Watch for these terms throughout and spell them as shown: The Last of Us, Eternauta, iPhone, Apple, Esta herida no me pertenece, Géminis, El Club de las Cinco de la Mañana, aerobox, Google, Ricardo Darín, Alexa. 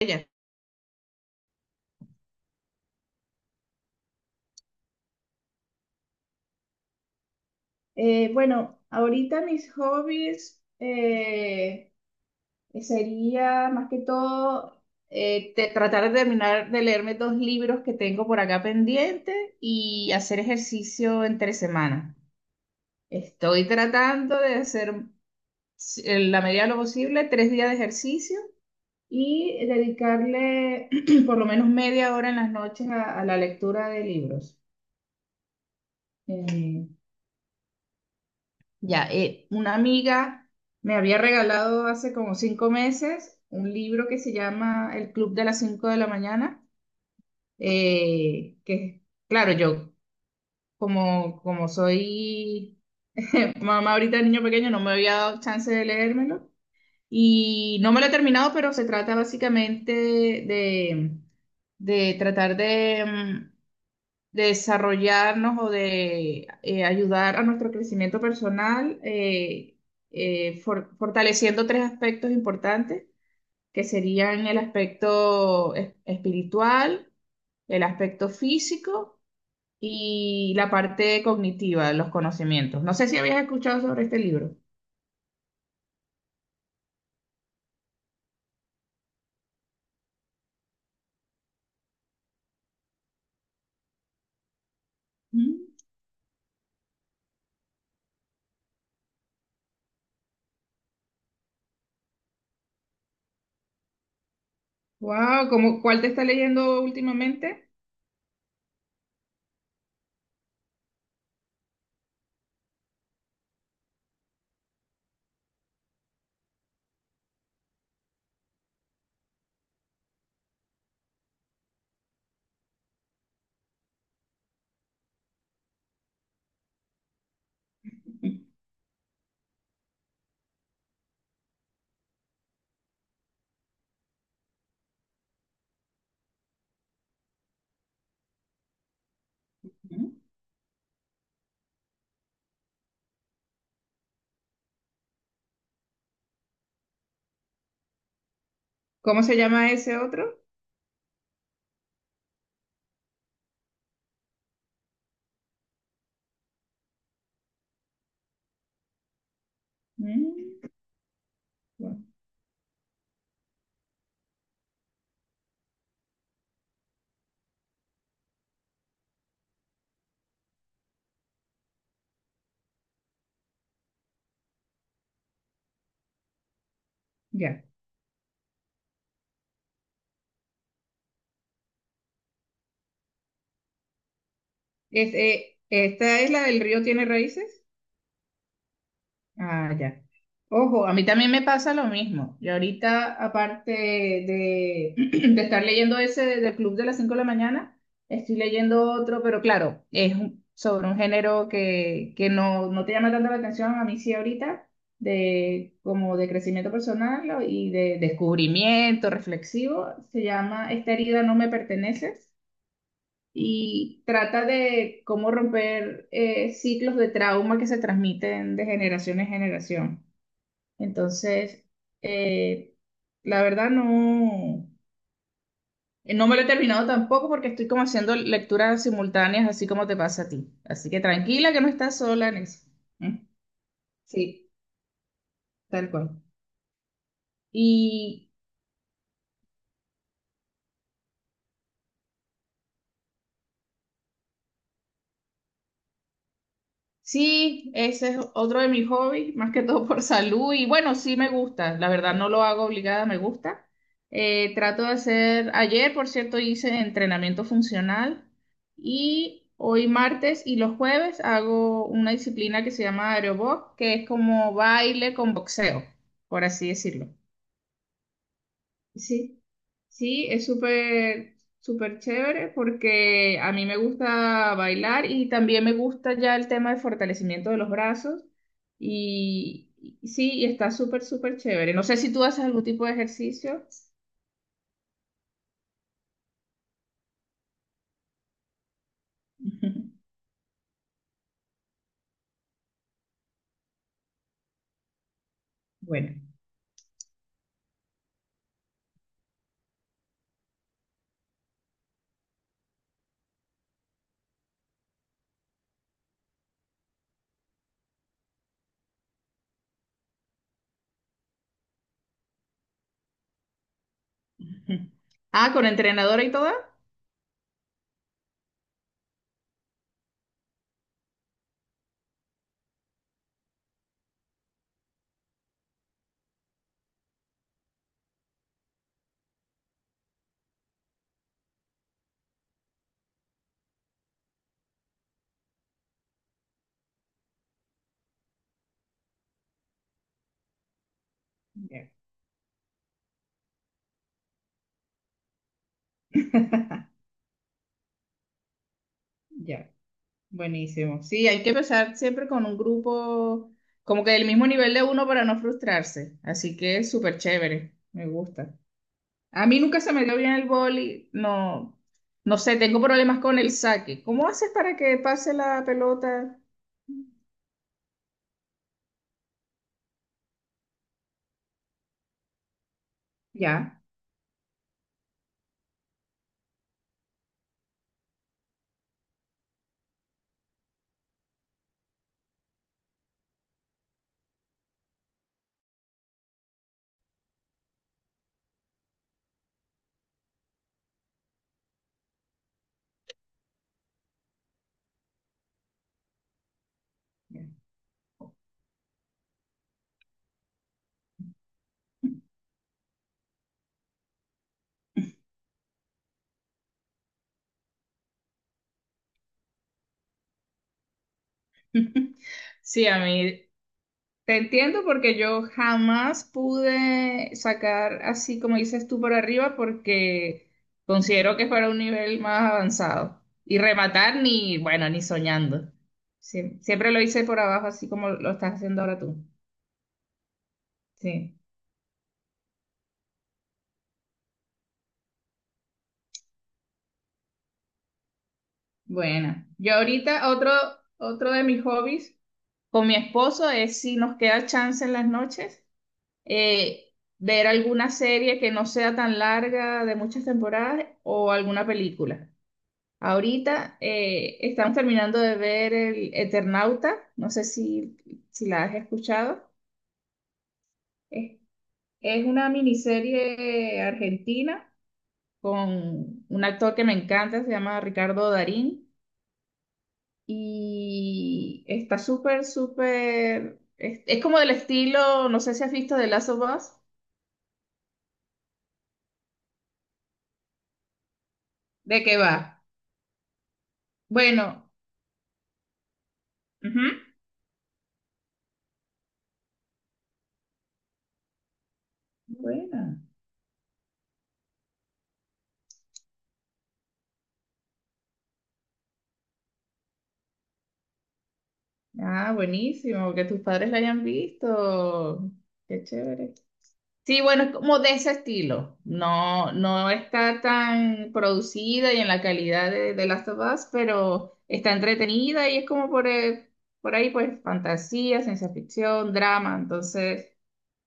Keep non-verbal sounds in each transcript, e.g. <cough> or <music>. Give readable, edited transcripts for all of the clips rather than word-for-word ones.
Ella. Bueno, ahorita mis hobbies sería más que todo tratar de terminar de leerme dos libros que tengo por acá pendiente y hacer ejercicio entre semana. Estoy tratando de hacer en la medida de lo posible 3 días de ejercicio y dedicarle <clears throat> por lo menos media hora en las noches a la lectura de libros. Eh, Ya, una amiga me había regalado hace como 5 meses un libro que se llama El Club de las Cinco de la Mañana, que claro, yo como soy mamá ahorita de niño pequeño no me había dado chance de leérmelo y no me lo he terminado, pero se trata básicamente de tratar de desarrollarnos o de ayudar a nuestro crecimiento personal, fortaleciendo tres aspectos importantes, que serían el aspecto espiritual, el aspecto físico y la parte cognitiva, los conocimientos. No sé si habías escuchado sobre este libro. Wow, ¿cómo, cuál te está leyendo últimamente? Ujú. ¿Cómo se llama ese otro? Mm, bueno. Ya. Es, ¿esta es la del río tiene raíces? Ah, ya. Ojo, a mí también me pasa lo mismo. Y ahorita, aparte <clears throat> de estar leyendo ese del Club de las cinco de la mañana, estoy leyendo otro, pero claro, sobre un género que no te llama tanto la atención, a mí sí ahorita, como de crecimiento personal y de descubrimiento reflexivo. Se llama Esta herida no me pertenece y trata de cómo romper ciclos de trauma que se transmiten de generación en generación. Entonces, eh, la verdad no me lo he terminado tampoco porque estoy como haciendo lecturas simultáneas, así como te pasa a ti. Así que tranquila que no estás sola en eso. Mm. Sí, tal cual. Y sí, ese es otro de mis hobbies, más que todo por salud. Y bueno, sí me gusta, la verdad no lo hago obligada, me gusta. Trato de hacer, ayer por cierto hice entrenamiento funcional y hoy martes y los jueves hago una disciplina que se llama aerobox, que es como baile con boxeo, por así decirlo. Sí, sí, es súper, súper chévere porque a mí me gusta bailar y también me gusta ya el tema de fortalecimiento de los brazos y sí, y está súper, súper chévere. No sé si tú haces algún tipo de ejercicio. <laughs> Ujú. Bueno. Ujú. Ah, con entrenadora y toda. Ya. <laughs> Ya. Buenísimo. Sí, hay que empezar siempre con un grupo como que del mismo nivel de uno para no frustrarse. Así que es súper chévere, me gusta. A mí nunca se me dio bien el vóley, no, no sé, tengo problemas con el saque. ¿Cómo haces para que pase la pelota? Ya. Ya. <laughs> Sí, a mí te entiendo porque yo jamás pude sacar así como dices tú por arriba porque considero que fuera un nivel más avanzado. Y rematar ni, bueno, ni soñando. Sí, siempre lo hice por abajo así como lo estás haciendo ahora tú. Sí, bueno. Otro de mis hobbies con mi esposo es si nos queda chance en las noches, eh, ver alguna serie que no sea tan larga de muchas temporadas o alguna película. Ahorita estamos terminando de ver el Eternauta, no sé si la has escuchado. Es, es una miniserie argentina con un actor que me encanta, se llama Ricardo Darín, y está súper, súper, es como del estilo, no sé si has visto de Last of Us, ¿de qué va? Bueno, ujú. Buena. Ah, buenísimo, que tus padres la hayan visto. Qué chévere. Sí, bueno, es como de ese estilo. No, no está tan producida y en la calidad de Last of Us, pero está entretenida y es como por ahí, pues, fantasía, ciencia ficción, drama. Entonces,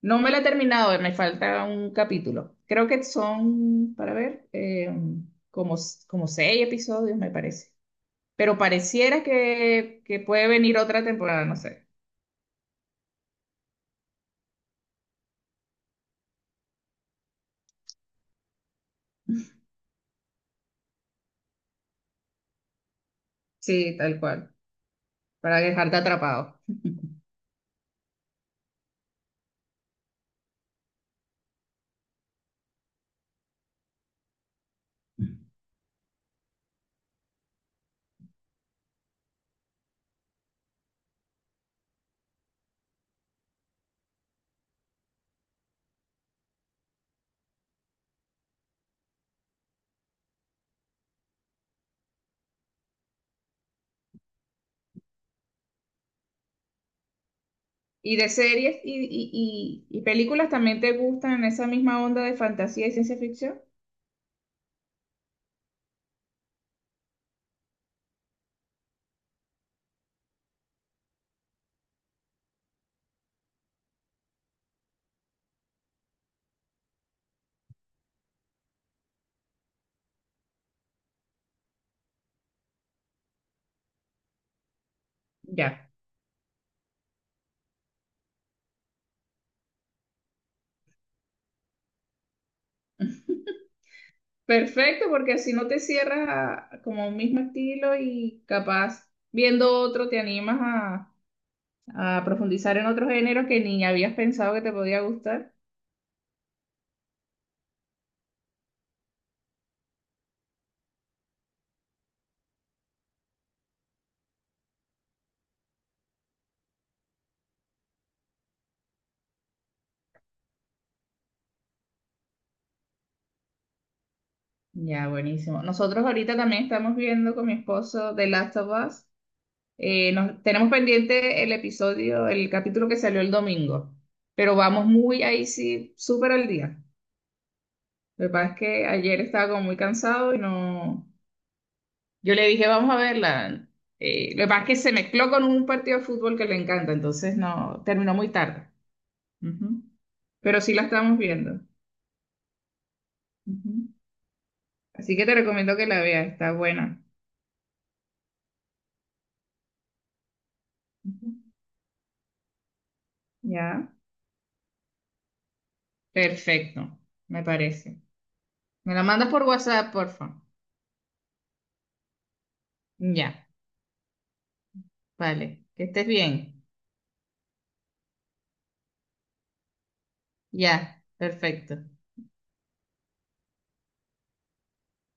no me la he terminado, me falta un capítulo. Creo que son, para ver, como seis episodios, me parece. Pero pareciera que puede venir otra temporada, no sé. Sí, tal cual, para dejarte atrapado. <laughs> Y de series y películas también te gustan en esa misma onda de fantasía y ciencia ficción. Ya. Perfecto, porque así no te cierras como un mismo estilo y capaz viendo otro te animas a profundizar en otros géneros que ni habías pensado que te podía gustar. Ya, buenísimo. Nosotros ahorita también estamos viendo con mi esposo The Last of Us. Tenemos pendiente el episodio, el capítulo que salió el domingo, pero vamos muy ahí sí, súper al día. Lo que pasa es que ayer estaba como muy cansado y no. Yo le dije, vamos a verla. Lo que pasa es que se mezcló con un partido de fútbol que le encanta, entonces no, terminó muy tarde. Ujú. Pero sí la estamos viendo. Ujú. Así que te recomiendo que la veas, está buena. Ujú. Ya. Perfecto, me parece. Me la mandas por WhatsApp, porfa. Ya, vale. Que estés bien. Ya, perfecto.